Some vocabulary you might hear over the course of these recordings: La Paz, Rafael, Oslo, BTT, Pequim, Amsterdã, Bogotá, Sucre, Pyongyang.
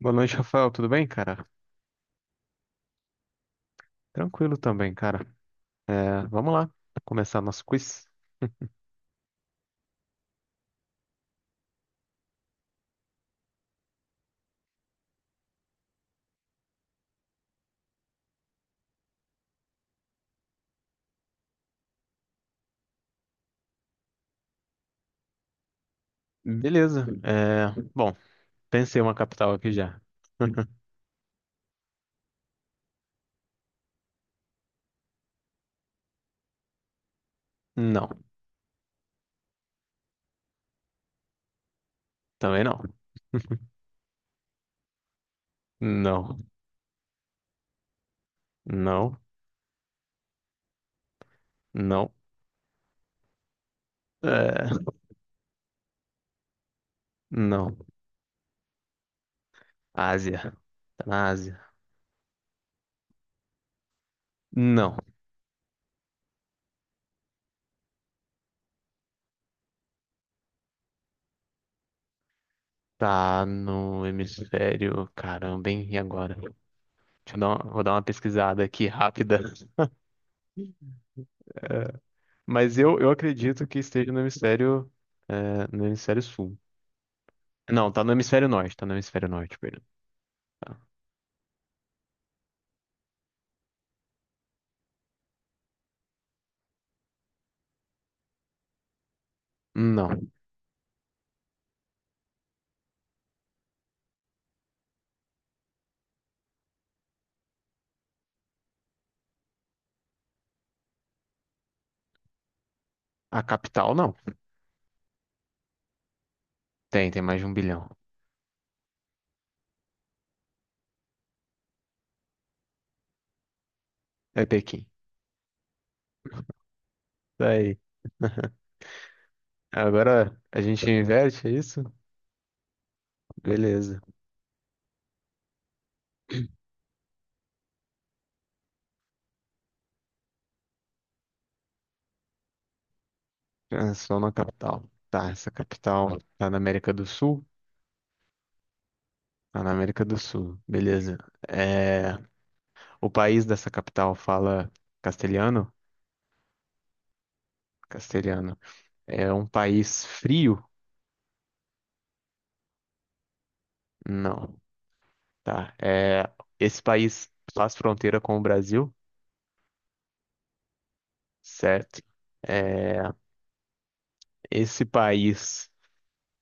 Boa noite, Rafael. Tudo bem, cara? Tranquilo também, cara. Vamos lá, começar nosso quiz. Beleza. Bom, pensei uma capital aqui já. Não, também não. Não, não, não. É, não. Ásia. Tá na Ásia. Não. Tá no hemisfério. Caramba, hein? E agora? Deixa eu dar uma, vou dar uma pesquisada aqui rápida. É, mas eu acredito que esteja no hemisfério, no hemisfério sul. Não, tá no hemisfério norte, tá no hemisfério norte, perdão. Tá. Não. A capital, não. Tem mais de 1 bilhão. É Pequim. Tá aí. Agora a gente inverte, é isso? Beleza. É só na capital. Tá, essa capital tá na América do Sul? Tá na América do Sul. Beleza. É... O país dessa capital fala castelhano? Castelhano. É um país frio? Não. Tá. Esse país faz fronteira com o Brasil, certo? É, esse país,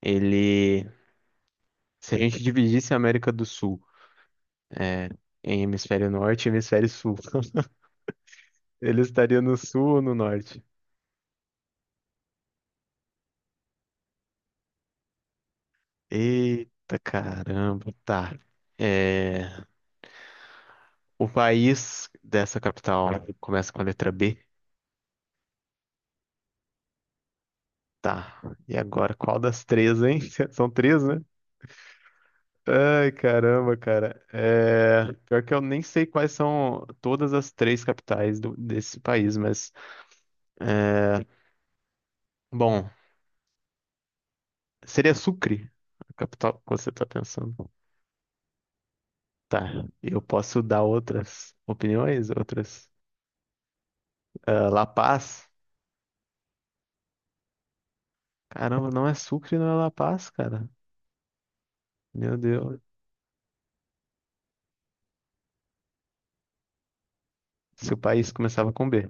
ele, se a gente dividisse a América do Sul, é, em hemisfério norte e hemisfério sul, ele estaria no sul ou no norte? Eita, caramba, tá. É, o país dessa capital começa com a letra B, tá. E agora, qual das três, hein? São três, né? Ai, caramba, cara. É, pior que eu nem sei quais são todas as três capitais do- desse país, mas... É, bom, seria Sucre, a capital que você está pensando. Tá, eu posso dar outras opiniões, outras. Ah, La Paz? Caramba, não é Sucre, não é La Paz, cara. Meu Deus. Se o país começava com B.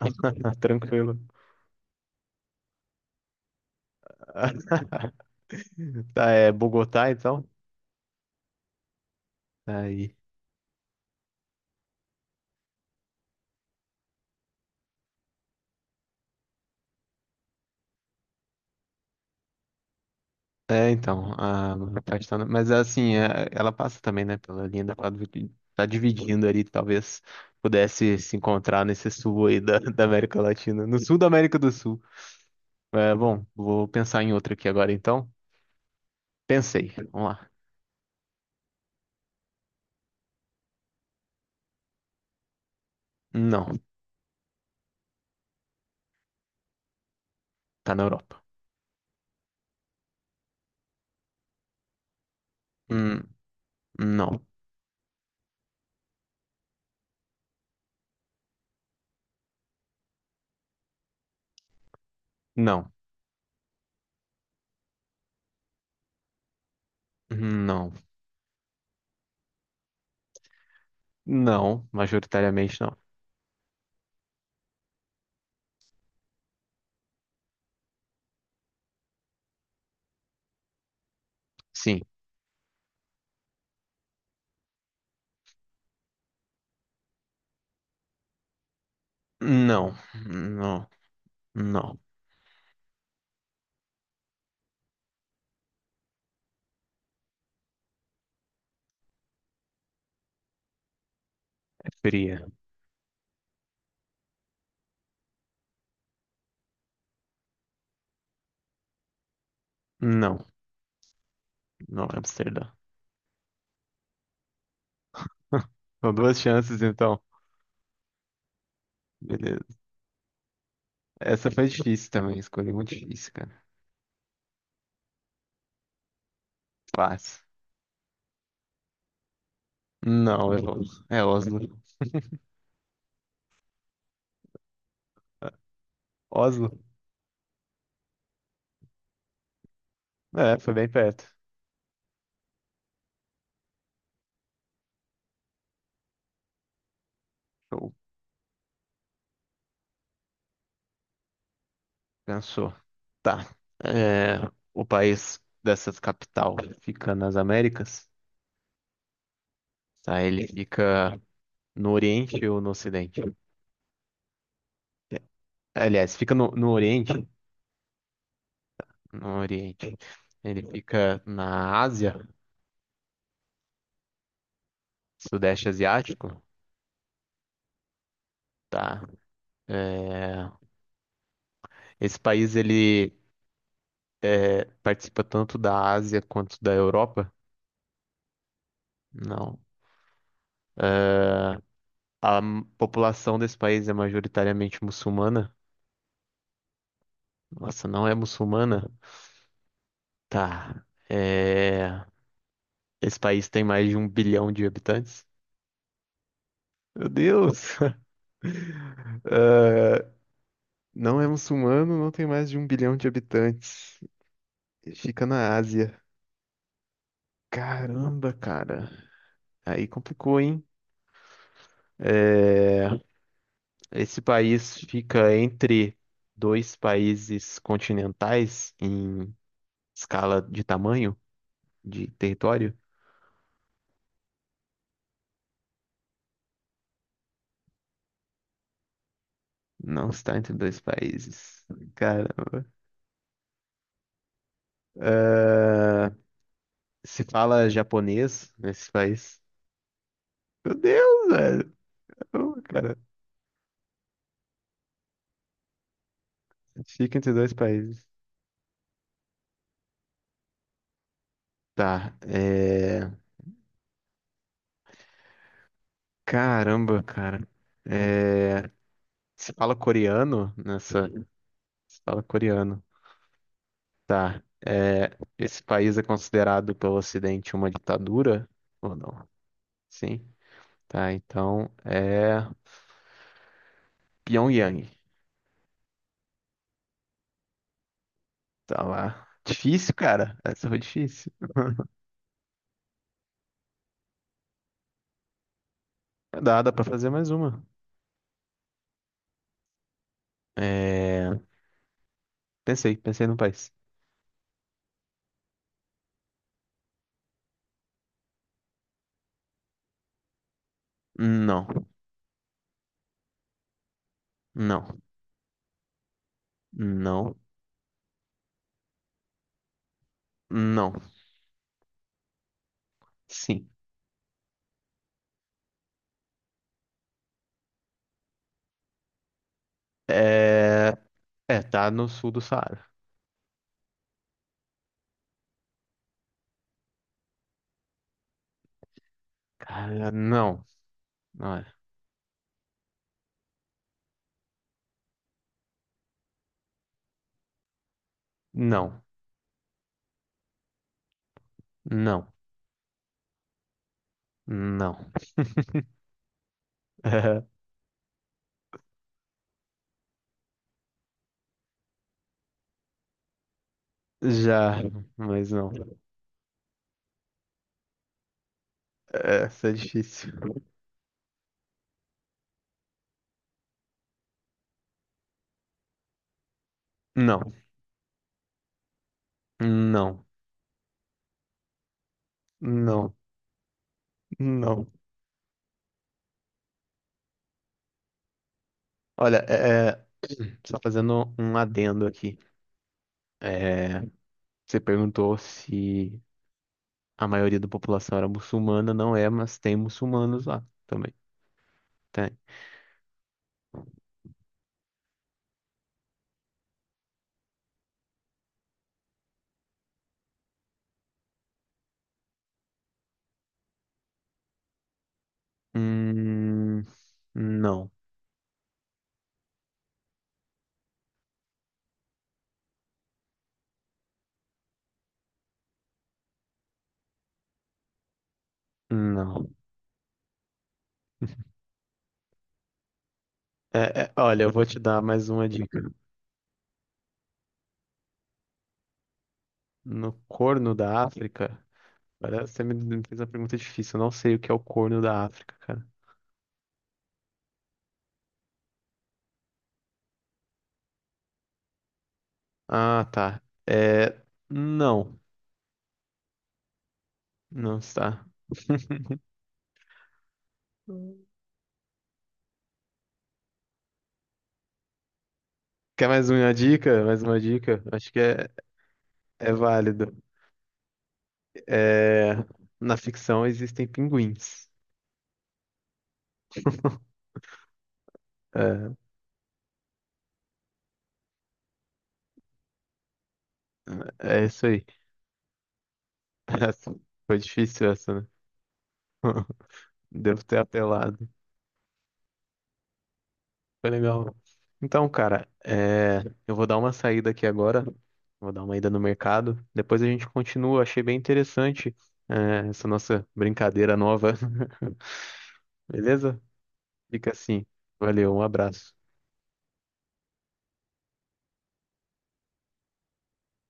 Tranquilo. Tá, é Bogotá, então? Tá aí. É, então, a castanha, mas assim, é- ela passa também, né, pela linha da Padre- tá dividindo ali, talvez pudesse se encontrar nesse sul aí da, da América Latina, no sul da América do Sul. É, bom, vou pensar em outra aqui agora então. Pensei, vamos lá. Não, tá na Europa. Hum, não, não, não, não, majoritariamente não. Sim, não, não, não. É fria. Não, não é Amsterdã. São duas chances então. Beleza. Essa foi difícil também, escolhi muito difícil, cara. Fácil. Não, é Oslo, é Oslo. Oslo? É, foi bem perto. Show. Pensou. Tá. É, o país dessa capital fica nas Américas, tá? Ele fica no Oriente ou no Ocidente? Aliás, fica no, no Oriente, no Oriente. Ele fica na Ásia, Sudeste Asiático, tá? É, esse país, ele é, participa tanto da Ásia quanto da Europa? Não. É, a m- população desse país é majoritariamente muçulmana? Nossa, não é muçulmana? Tá. É, esse país tem mais de 1 bilhão de habitantes? Meu Deus! É, não é muçulmano, não tem mais de 1 bilhão de habitantes. Fica na Ásia. Caramba, cara. Aí complicou, hein? Esse país fica entre dois países continentais em escala de tamanho, de território? Não está entre dois países. Caramba. Ah, se fala japonês nesse país? Meu Deus, velho. Ô, cara, fica entre dois países. Tá. Caramba, cara. É... Se fala coreano nessa. Se fala coreano. Tá. É, esse país é considerado pelo Ocidente uma ditadura? Ou não? Sim. Tá, então é Pyongyang. Tá lá. Difícil, cara. Essa foi difícil. Dá, dá pra fazer mais uma. É... Pensei, pensei no país. Não, não, não, não. Sim. É... É, tá no sul do Saara. Cara, não. Não é. Não, não, não. É, já, mas não. Essa é difícil. Não, não, não, não. Olha, só fazendo um adendo aqui. É, você perguntou se a maioria da população era muçulmana, não é, mas tem muçulmanos lá também. Tem. Hum, não, não. Olha, eu vou te dar mais uma dica. No Corno da África. Olha, você me fez uma pergunta difícil. Eu não sei o que é o Corno da África, cara. Ah, tá. É, não. Não está. Quer mais uma dica? Mais uma dica? Acho que é, é válido. É, na ficção existem pinguins. É, é isso aí. Essa- foi difícil essa, né? Devo ter apelado. Foi legal. Então, cara, é, eu vou dar uma saída aqui agora. Vou dar uma ida no mercado. Depois a gente continua. Achei bem interessante, é, essa nossa brincadeira nova. Beleza? Fica assim. Valeu, um abraço.